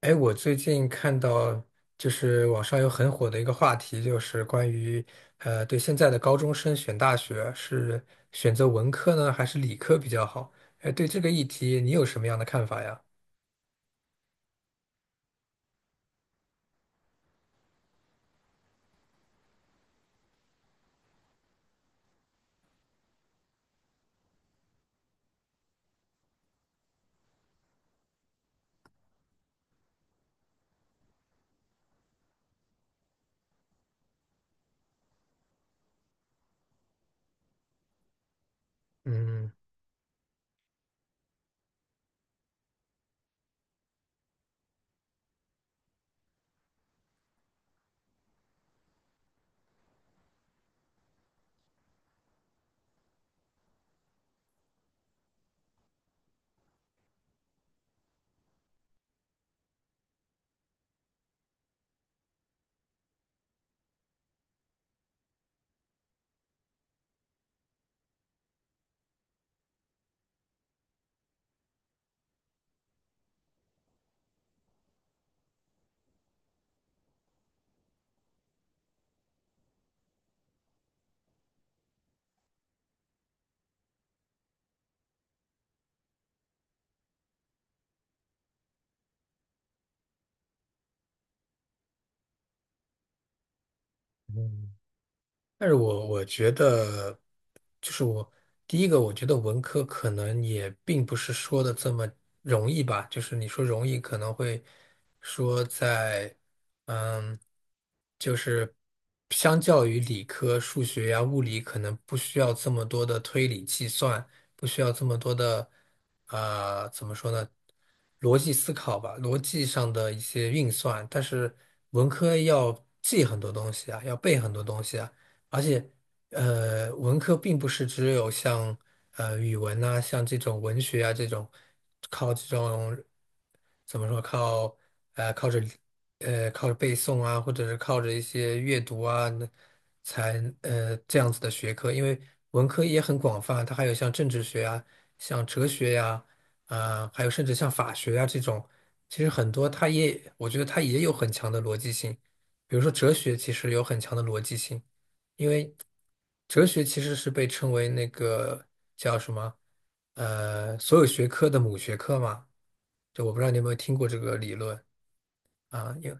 哎，我最近看到，就是网上有很火的一个话题，就是关于，对现在的高中生选大学是选择文科呢，还是理科比较好？哎，对这个议题，你有什么样的看法呀？嗯，但是我觉得，就是我第一个，我觉得文科可能也并不是说的这么容易吧。就是你说容易，可能会说在，嗯，就是相较于理科，数学呀、物理，可能不需要这么多的推理计算，不需要这么多的，怎么说呢？逻辑思考吧，逻辑上的一些运算。但是文科要记很多东西啊，要背很多东西啊。而且，文科并不是只有像语文呐、像这种文学啊这种，靠这种怎么说靠呃靠着呃靠着背诵啊，或者是靠着一些阅读啊，才这样子的学科，因为文科也很广泛，它还有像政治学啊、像哲学呀、啊，还有甚至像法学啊这种，其实很多我觉得它也有很强的逻辑性，比如说哲学其实有很强的逻辑性。哲学其实是被称为那个叫什么，呃，所有学科的母学科嘛。就我不知道你有没有听过这个理论啊？有，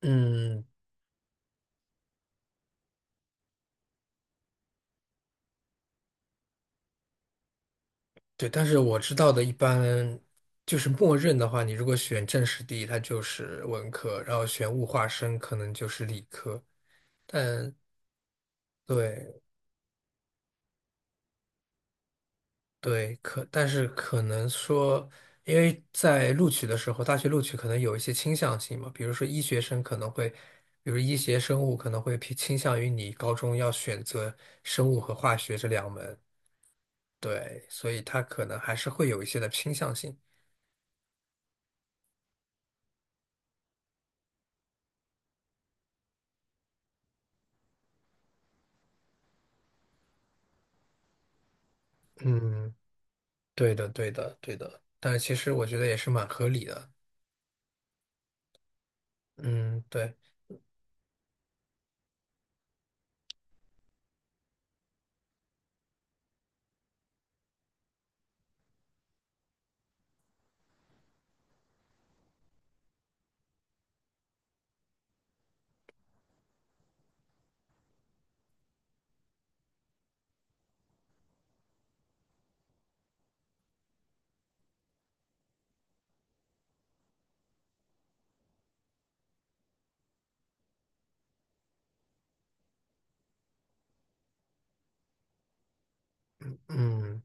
嗯，对。但是我知道的，一般就是默认的话，你如果选政史地，它就是文科；然后选物化生，可能就是理科。但对。对，可但是可能说，因为在录取的时候，大学录取可能有一些倾向性嘛，比如说医学生可能会，比如医学生物可能会偏倾向于你高中要选择生物和化学这两门，对，所以它可能还是会有一些的倾向性。嗯，对的，对的，对的，但是其实我觉得也是蛮合理的。嗯，对，嗯，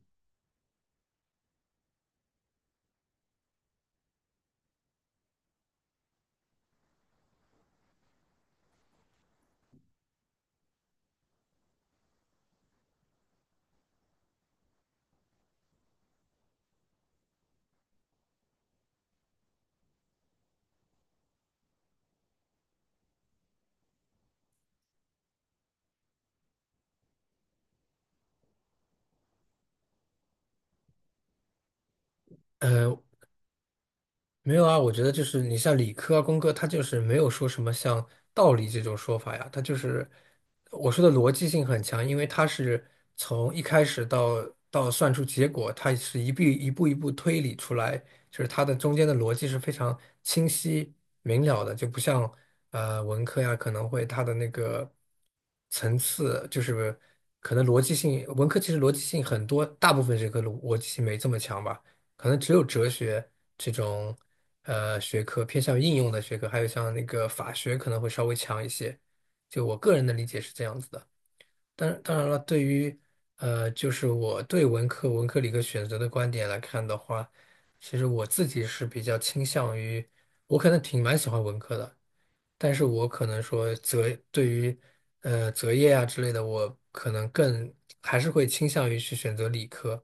呃。没有啊，我觉得就是你像理科啊、工科，它就是没有说什么像道理这种说法呀，它就是我说的逻辑性很强，因为它是从一开始到到算出结果，它是一步一步一步推理出来，就是它的中间的逻辑是非常清晰明了的，就不像文科呀，可能会它的那个层次就是可能逻辑性，文科其实逻辑性很多，大部分学科逻辑性没这么强吧。可能只有哲学这种学科偏向于应用的学科，还有像那个法学可能会稍微强一些。就我个人的理解是这样子的。当然了，对于就是我对文科、理科选择的观点来看的话，其实我自己是比较倾向于，我可能蛮喜欢文科的，但是我可能说对于择业啊之类的，我可能更还是会倾向于去选择理科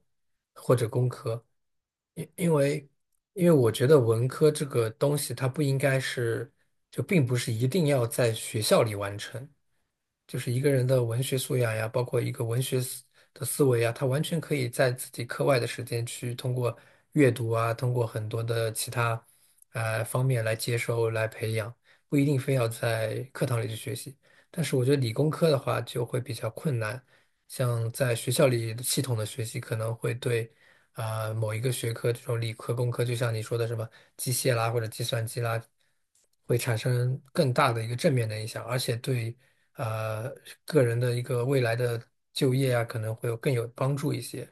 或者工科，因因为因为我觉得文科这个东西它不应该是，就并不是一定要在学校里完成。就是一个人的文学素养呀，包括一个文学思的思维呀，他完全可以在自己课外的时间去通过阅读啊，通过很多的其他方面来接收、来培养，不一定非要在课堂里去学习。但是我觉得理工科的话就会比较困难，像在学校里系统的学习可能会对啊，某一个学科，这种理科、工科，就像你说的什么机械啦或者计算机啦，会产生更大的一个正面的影响，而且对啊，个人的一个未来的就业啊，可能会有更有帮助一些。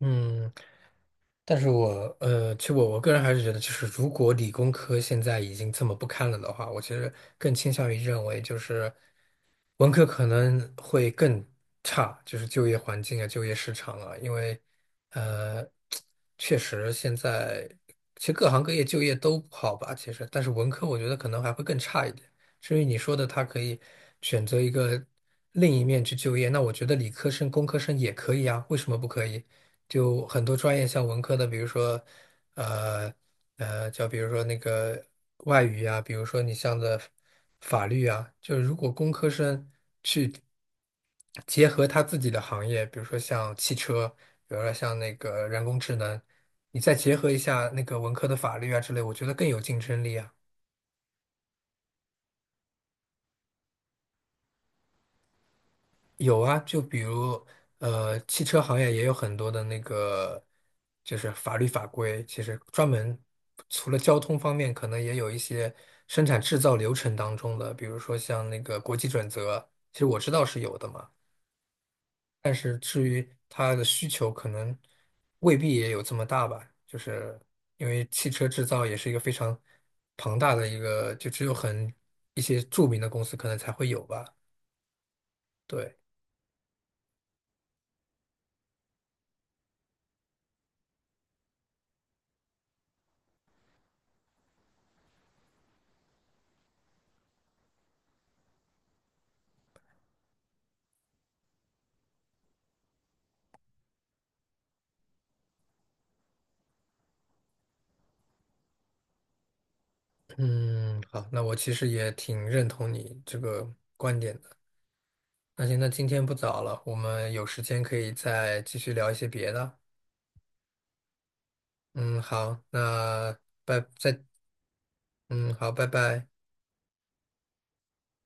嗯，但是我其实我个人还是觉得，就是如果理工科现在已经这么不堪了的话，我其实更倾向于认为，就是文科可能会更差，就是就业环境啊、就业市场啊，因为呃，确实现在其实各行各业就业都不好吧，其实，但是文科我觉得可能还会更差一点。至于你说的，他可以选择一个另一面去就业，那我觉得理科生、工科生也可以啊，为什么不可以？就很多专业，像文科的，比如说，呃比如说那个外语啊，比如说你像的法律啊，就是如果工科生结合他自己的行业，比如说像汽车，比如说像那个人工智能，你再结合一下那个文科的法律啊之类，我觉得更有竞争力啊。有啊，就比如汽车行业也有很多的那个，就是法律法规，其实专门除了交通方面，可能也有一些生产制造流程当中的，比如说像那个国际准则，其实我知道是有的嘛，它的需求可能未必也有这么大吧，就是因为汽车制造也是一个非常庞大的一个，就只有很一些著名的公司可能才会有吧，对。嗯，好，那我其实也挺认同你这个观点的。那行，那今天不早了，我们有时间可以再继续聊一些别的。嗯，好，那拜，再，嗯，好，拜拜。